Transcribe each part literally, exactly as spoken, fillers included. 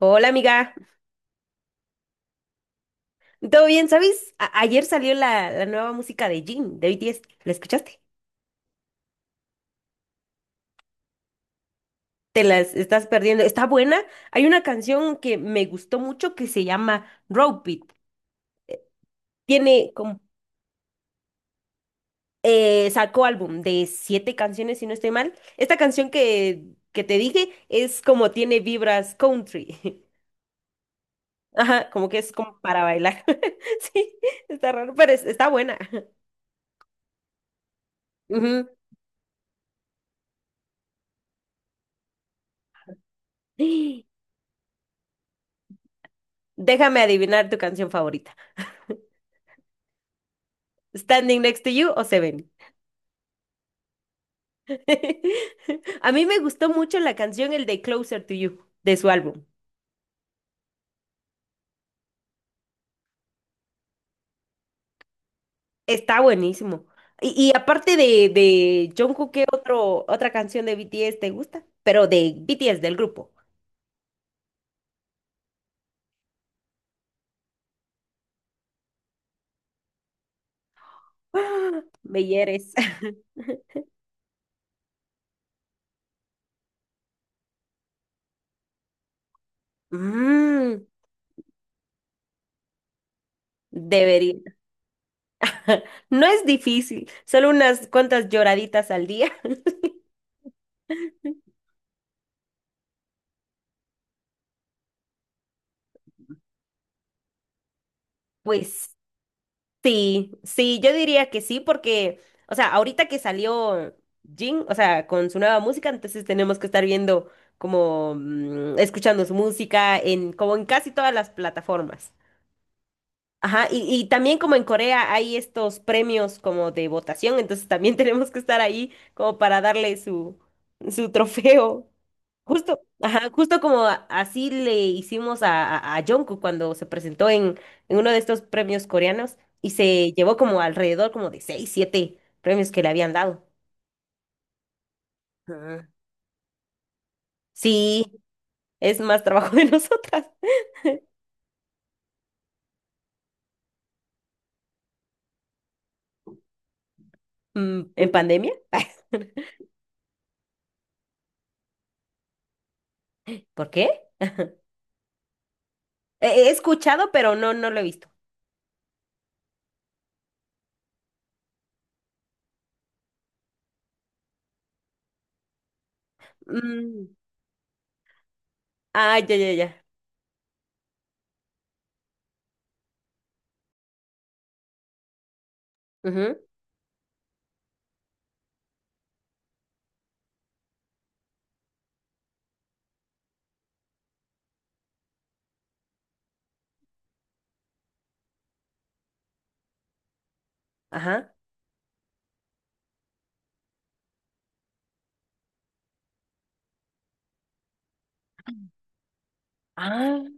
Hola amiga, ¿todo bien? ¿Sabes? A- ayer salió la, la nueva música de Jin, de B T S. ¿La escuchaste? Te las estás perdiendo. Está buena. Hay una canción que me gustó mucho que se llama Rope It. Tiene como, eh, sacó álbum de siete canciones, si no estoy mal. Esta canción que, que te dije es como tiene vibras country. Ajá, como que es como para bailar. Sí, está raro, pero es- está buena. Ujú. Déjame adivinar tu canción favorita. Standing Next to You o Seven. A mí me gustó mucho la canción El de Closer to You de su álbum. Está buenísimo. Y, y aparte de, de Jungkook, ¿qué otro, otra canción de B T S te gusta? Pero de B T S, del grupo. ¡Ah! Me hieres. Mm, Debería. No es difícil, solo unas cuantas lloraditas al día. Pues sí, sí, yo diría que sí, porque, o sea, ahorita que salió Jin, o sea, con su nueva música, entonces tenemos que estar viendo como, mm, escuchando su música en, como en casi todas las plataformas. Ajá, y, y también como en Corea hay estos premios como de votación, entonces también tenemos que estar ahí como para darle su, su trofeo. Justo, ajá, justo como a- así le hicimos a, a, a Jungkook cuando se presentó en, en uno de estos premios coreanos y se llevó como alrededor como de seis, siete premios que le habían dado. Ah. Sí, es más trabajo de nosotras. Mm, ¿En pandemia? ¿Por qué? He, he escuchado, pero no, no lo he visto. Mm, ah, ya, ya, ya. Ujú. Ajá. Ah.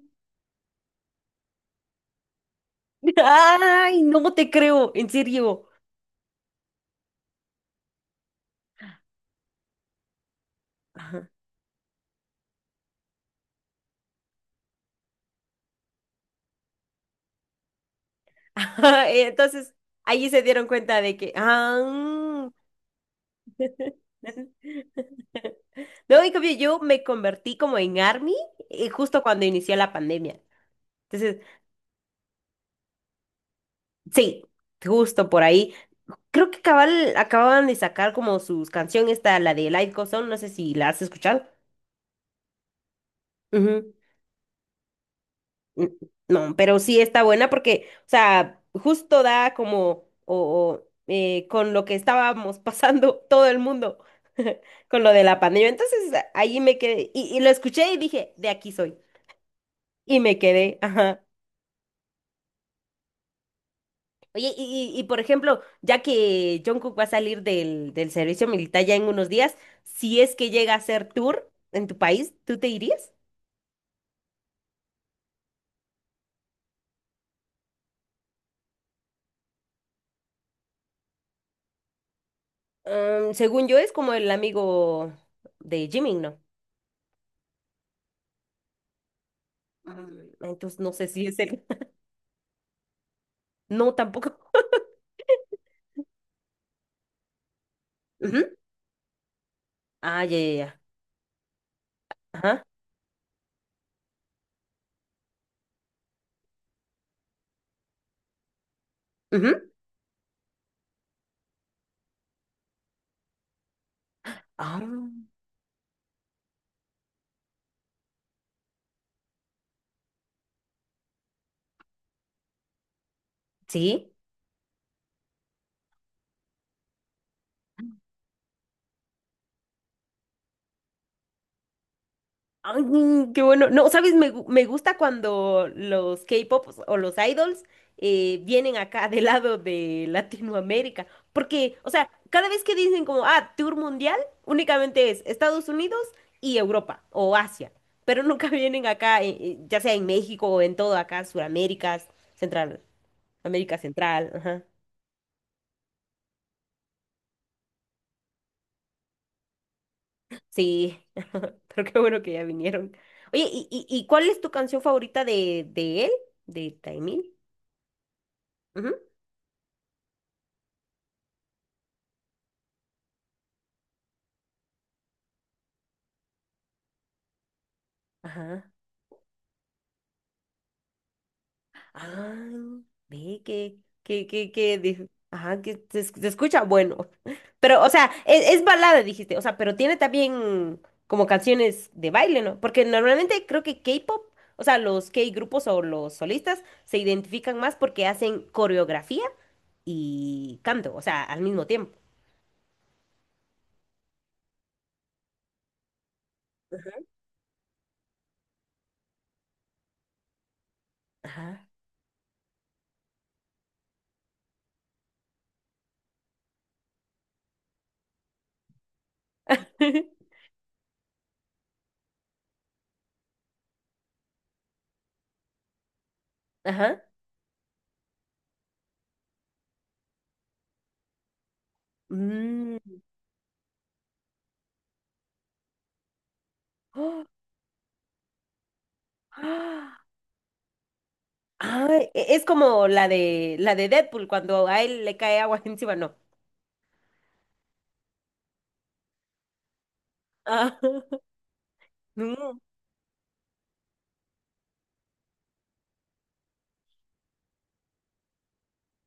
Ay, no te creo, en serio. Entonces, allí se dieron cuenta de que, ah, no, en cambio, yo me convertí como en ARMY eh, justo cuando inició la pandemia. Entonces, sí, justo por ahí. Creo que cabal acababan de sacar como sus canciones, esta, la de Light Goes On, no sé si la has escuchado. Ujú. Mm, no, pero sí está buena porque, o sea, justo da como, o, o, eh, con lo que estábamos pasando todo el mundo, con lo de la pandemia. Entonces a- ahí me quedé, y, y lo escuché y dije, de aquí soy. Y me quedé, ajá. Oye, y, y, y, por ejemplo, ya que Jungkook va a salir del, del servicio militar ya en unos días, si es que llega a hacer tour en tu país, ¿tú te irías? Mm, según yo, es como el amigo de Jimin, ¿no? Mm, Entonces no sé si es él. No, tampoco. Ujú. Ah, ya, ya, ya. Ajá. Ujú. Ah, sí. Ay, mm, qué bueno. No, ¿sabes? Me, gu- me gusta cuando los K-pop o los idols eh, vienen acá del lado de Latinoamérica. Porque, o sea, cada vez que dicen como, ah, tour mundial, únicamente es Estados Unidos y Europa o Asia. Pero nunca vienen acá, eh, eh, ya sea en México o en todo acá, Suraméricas, Central, América Central. Ajá. Sí, pero qué bueno que ya vinieron. Oye, ¿y, y, y cuál es tu canción favorita de, de él? ¿De Taemin? Ujú. Ajá. Ah, ve que, que, que, que, de- ajá, que se, es- se escucha bueno. Pero, o sea, es, es balada, dijiste. O sea, pero tiene también como canciones de baile, ¿no? Porque normalmente creo que K-pop, o sea, los K-grupos o los solistas se identifican más porque hacen coreografía y canto, o sea, al mismo tiempo. Ajá. Ajá. Mm. ¡Oh! ¡Ah! Ay, e- es como la de la de Deadpool cuando a él le cae agua encima, no. Ah, no.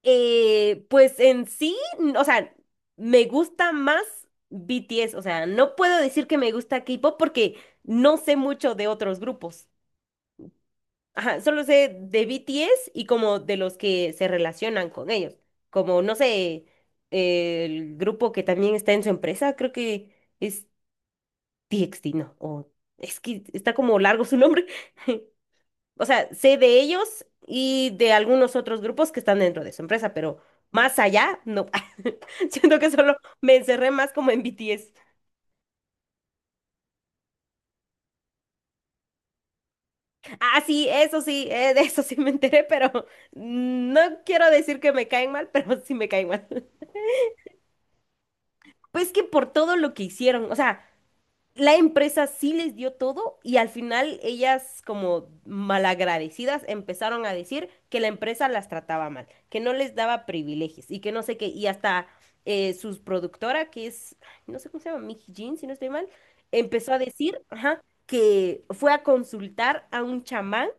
Eh, pues en sí, n- o sea, me gusta más B T S, o sea, no puedo decir que me gusta K-pop porque no sé mucho de otros grupos. Ajá, solo sé de B T S y como de los que se relacionan con ellos, como no sé, el grupo que también está en su empresa, creo que es T X T, no. O, es que está como largo su nombre. O sea, sé de ellos y de algunos otros grupos que están dentro de su empresa, pero más allá, no. Siento que solo me encerré más como en B T S. Ah, sí, eso sí, eh, de eso sí me enteré, pero no quiero decir que me caen mal, pero sí me caen mal. Pues que por todo lo que hicieron, o sea, la empresa sí les dio todo y al final ellas como malagradecidas empezaron a decir que la empresa las trataba mal, que no les daba privilegios y que no sé qué, y hasta eh, sus productora, que es, ay, no sé cómo se llama, Mickey Jean, si no estoy mal, empezó a decir, ajá, que fue a consultar a un chamán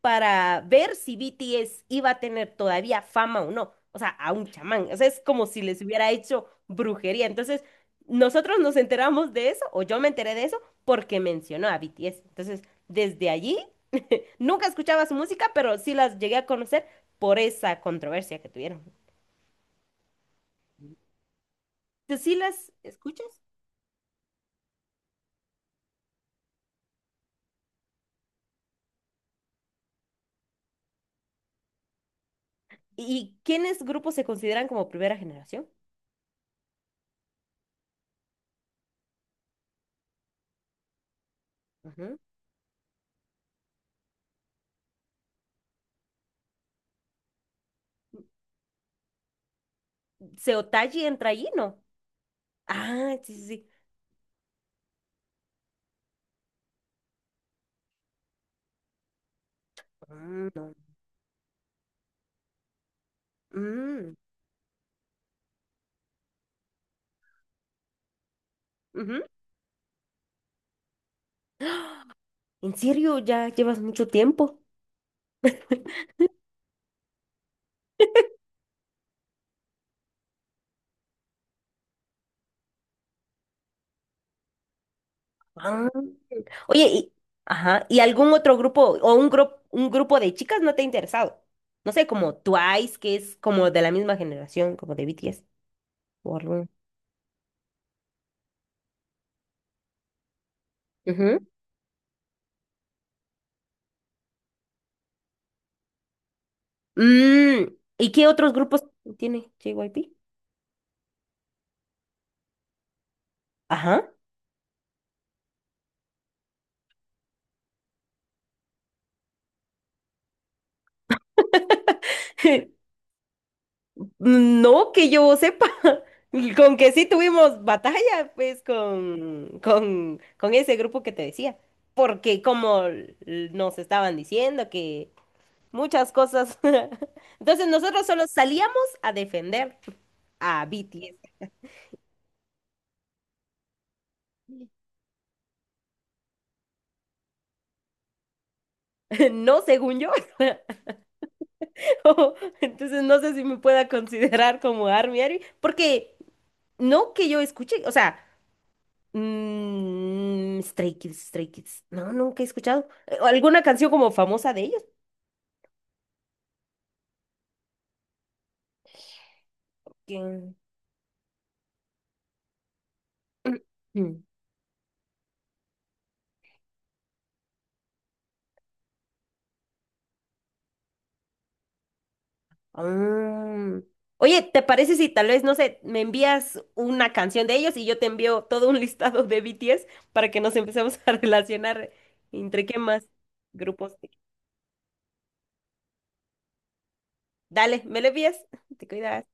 para ver si B T S iba a tener todavía fama o no. O sea, a un chamán. O sea, es como si les hubiera hecho brujería. Entonces, nosotros nos enteramos de eso, o yo me enteré de eso, porque mencionó a B T S. Entonces, desde allí, nunca escuchaba su música, pero sí las llegué a conocer por esa controversia que tuvieron. ¿Tú sí las escuchas? ¿Y quiénes grupos se consideran como primera generación? Ujú. ¿Seotaji entra allí? No. Ah, sí, sí, sí. Mm, no. Mm, ujú. ¿En serio? ¿Ya llevas mucho tiempo? Ah. Oye, sí. Y, ajá, ¿y algún otro grupo o un grupo un grupo de chicas no te ha interesado? No sé, como Twice, que es como de la misma generación, como de B T S o algo. Ujú. Mm, ¿Y qué otros grupos tiene J Y P? Ajá. No que yo sepa. Con que sí tuvimos batalla, pues, con, con, con ese grupo que te decía. Porque como l- nos estaban diciendo que muchas cosas. Entonces nosotros solo salíamos a defender a B T S. No según yo. Oh, entonces no sé si me pueda considerar como ARMY ARMY, porque no que yo escuche, o sea, mm, Stray Kids, Stray Kids. No, nunca he escuchado. Eh, ¿Alguna canción como famosa de ellos? Que- Mm. Oye, ¿te parece si tal vez, no sé, me envías una canción de ellos y yo te envío todo un listado de B T S para que nos empecemos a relacionar entre qué más grupos? Dale, me lo envías, te cuidas.